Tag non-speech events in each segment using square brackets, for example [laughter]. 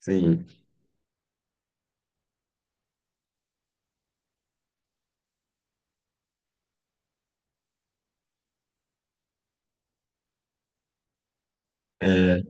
Sim. É,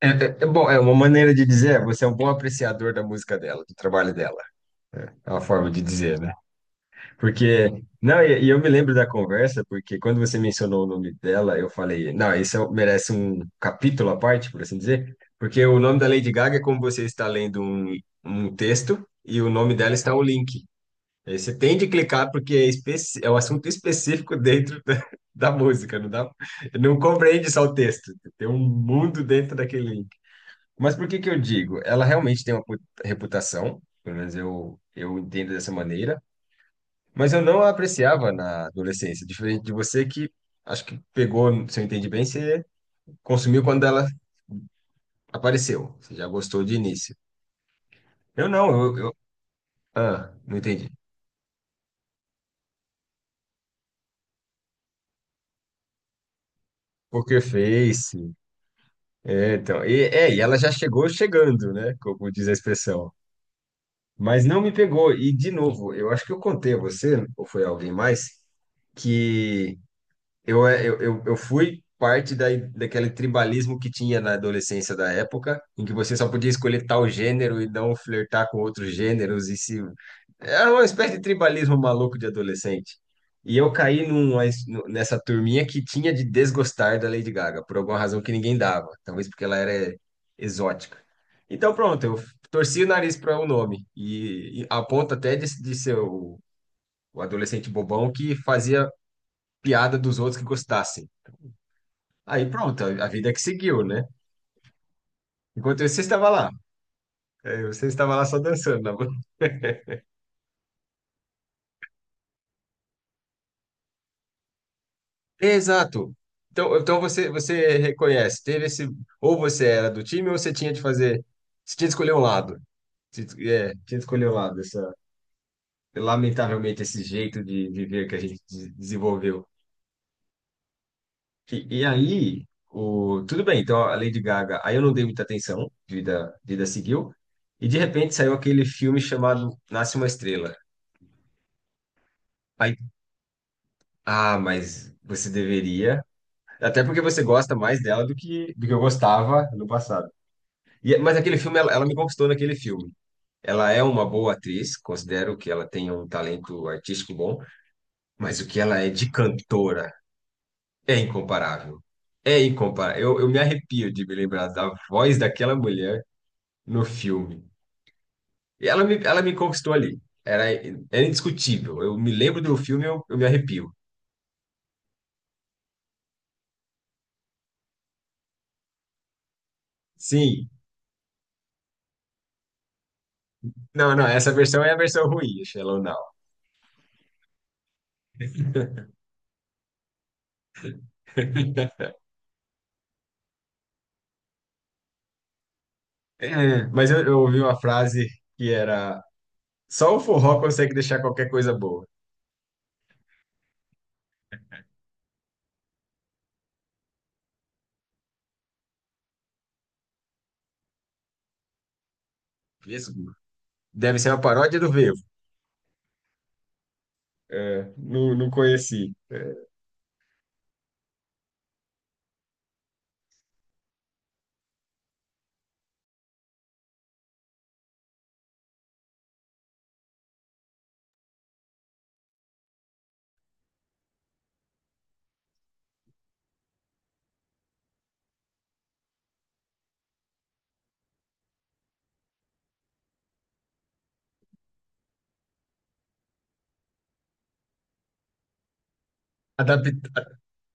é bom, é uma maneira de dizer, é, você é um bom apreciador da música dela, do trabalho dela. É uma forma de dizer, né? Porque, não, eu me lembro da conversa, porque quando você mencionou o nome dela, eu falei, não, um, merece um capítulo à parte, por assim dizer, porque o nome da Lady Gaga é como você está lendo um texto e o nome dela está um link. Aí você tem de clicar porque é, é um assunto específico da música, não compreende só o texto, tem um mundo dentro daquele. Mas por que que eu digo? Ela realmente tem uma reputação, pelo menos eu entendo dessa maneira, mas eu não a apreciava na adolescência, diferente de você que acho que pegou, se eu entendi bem, você consumiu quando ela apareceu, você já gostou de início. Eu não, eu- Ah, não entendi. Poker Face, é, então, e ela já chegou chegando, né, como diz a expressão, mas não me pegou, e de novo, eu acho que eu contei a você, ou foi alguém mais, que Eu, é, eu fui parte daquele tribalismo que tinha na adolescência da época, em que você só podia escolher tal gênero e não flertar com outros gêneros e se... Era uma espécie de tribalismo maluco de adolescente. E eu caí nessa turminha que tinha de desgostar da Lady Gaga, por alguma razão que ninguém dava. Talvez porque ela era exótica. Então, pronto, eu torci o nariz para o nome. E a ponto até de ser o adolescente bobão que fazia piada dos outros que gostassem. Aí pronto, a vida que seguiu, né? Enquanto você estava lá, aí você estava lá só dançando na bola. [laughs] Exato. Então, você, você reconhece, teve esse, ou você era do time ou você tinha de fazer, você tinha de escolher um lado. Tinha. É, tinha de escolher um lado, essa, lamentavelmente esse jeito de viver que a gente desenvolveu. E aí, o, tudo bem, então a Lady Gaga, aí eu não dei muita atenção, vida seguiu, e de repente saiu aquele filme chamado Nasce uma Estrela. Aí ah, mas você deveria. Até porque você gosta mais dela do que eu gostava no passado. Mas aquele filme, ela me conquistou naquele filme. Ela é uma boa atriz, considero que ela tem um talento artístico bom, mas o que ela é de cantora é incomparável. É incomparável. Eu me arrepio de me lembrar da voz daquela mulher no filme. Ela me conquistou ali. Era, Era indiscutível. Eu me lembro do filme, eu me arrepio. Sim. Não, não, Essa versão é a versão ruim, Shallow Now. [laughs] É, mas eu ouvi uma frase que era: só o forró consegue deixar qualquer coisa boa. Isso deve ser uma paródia do Vevo. É, não, não conheci. Adapta,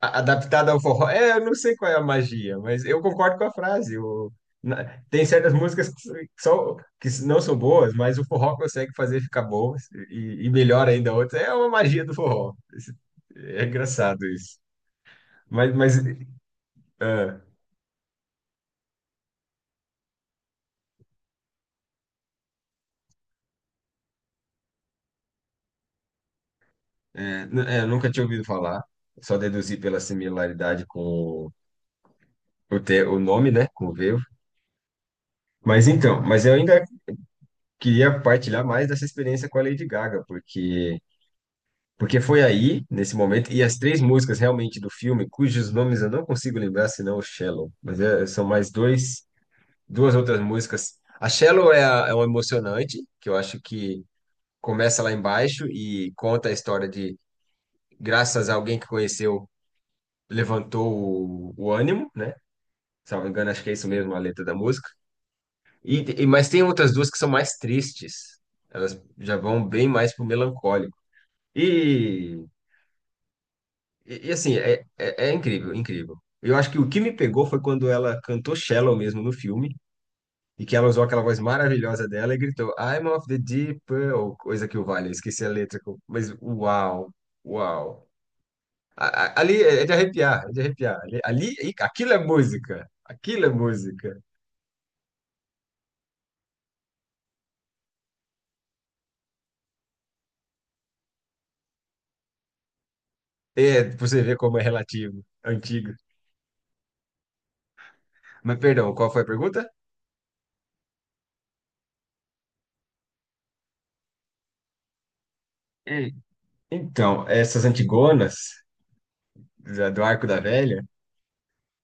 Adaptada ao forró. É, eu não sei qual é a magia, mas eu concordo com a frase. Tem certas músicas que, só, que não são boas, mas o forró consegue fazer ficar boas e melhor ainda outras. É uma magia do forró. É engraçado isso. Mas é. É, é, eu nunca tinha ouvido falar, só deduzi pela similaridade com o nome, né, com o Vevo. Mas então, mas eu ainda queria partilhar mais dessa experiência com a Lady Gaga, porque foi aí, nesse momento, e as três músicas realmente do filme, cujos nomes eu não consigo lembrar, senão o Shallow, mas são mais dois, duas outras músicas. A Shallow é, a, é um emocionante, que eu acho que começa lá embaixo e conta a história de, graças a alguém que conheceu, levantou o ânimo, né? Salvo engano, acho que é isso mesmo a letra da música. Mas tem outras duas que são mais tristes. Elas já vão bem mais pro melancólico. E, assim, é incrível, incrível. Eu acho que o que me pegou foi quando ela cantou Shallow mesmo no filme, e que ela usou aquela voz maravilhosa dela e gritou I'm of the deep purple, coisa que o vale, eu esqueci a letra, mas uau, uau. Ali é de arrepiar, é de arrepiar. Aquilo é música, aquilo é música. É, pra você ver como é relativo, antigo. Mas perdão, qual foi a pergunta? Hum. Então, essas Antigonas do Arco da Velha,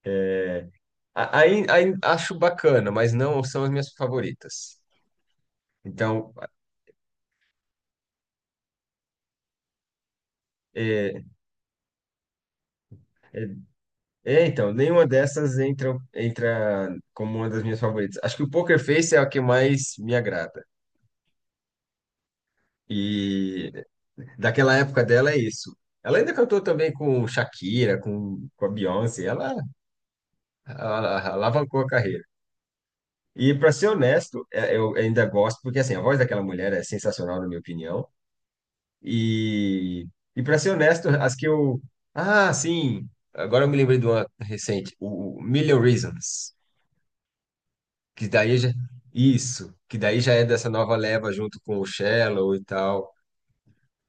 é, aí acho bacana, mas não são as minhas favoritas. Então, é, é, nenhuma dessas entra, entra como uma das minhas favoritas. Acho que o Poker Face é a que mais me agrada. E daquela época dela é isso. Ela ainda cantou também com Shakira, com a Beyoncé. Ela alavancou a carreira. E para ser honesto, eu ainda gosto, porque assim, a voz daquela mulher é sensacional, na minha opinião. E, e para ser honesto, as que eu. Ah, sim! Agora eu me lembrei de uma recente, o Million Reasons, que daí já. Isso, que daí já é dessa nova leva junto com o Shallow e tal.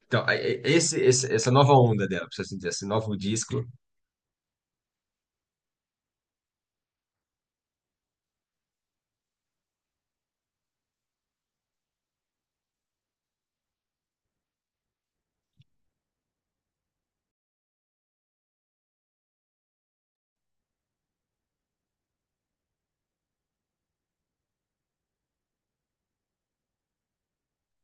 Então, esse, essa nova onda dela, precisa assim dizer, esse novo disco.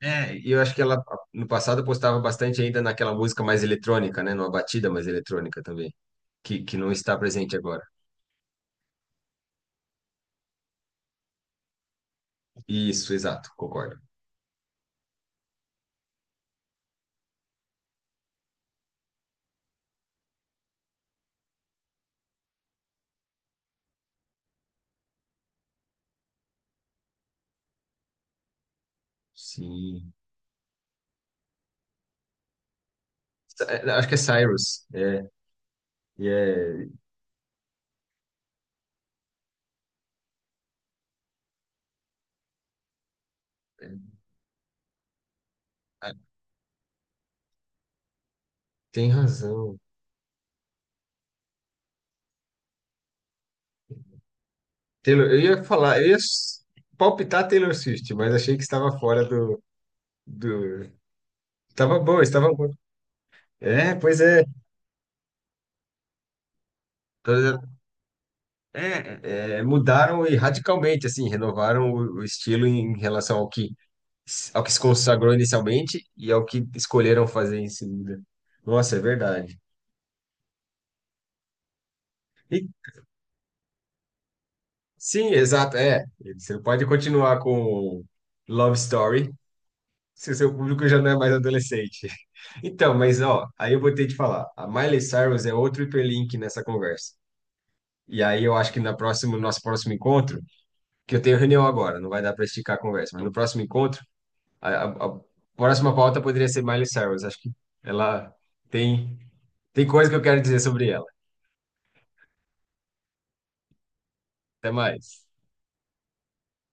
É, e eu acho que ela no passado postava bastante ainda naquela música mais eletrônica, né? Numa batida mais eletrônica também, que não está presente agora. Isso, exato, concordo. Sim. É, acho que é Cyrus. E é, ah, tem razão. Taylor, eu ia falar, eu ia s- Palpitar Taylor Swift, mas achei que estava fora do... Estava bom, estava bom. É, pois é. Todas- É, Mudaram e radicalmente, assim, renovaram o estilo em relação ao que, ao que se consagrou inicialmente e ao que escolheram fazer em seguida. Nossa, é verdade. Sim, exato, é. Você pode continuar com Love Story, se o seu público já não é mais adolescente. [laughs] Então, mas ó, aí eu vou ter que falar, a Miley Cyrus é outro hiperlink nessa conversa. E aí eu acho que na próxima, no nosso próximo encontro, que eu tenho reunião agora, não vai dar para esticar a conversa, mas no próximo encontro, a próxima pauta poderia ser Miley Cyrus. Acho que ela tem tem coisa que eu quero dizer sobre ela. Até mais.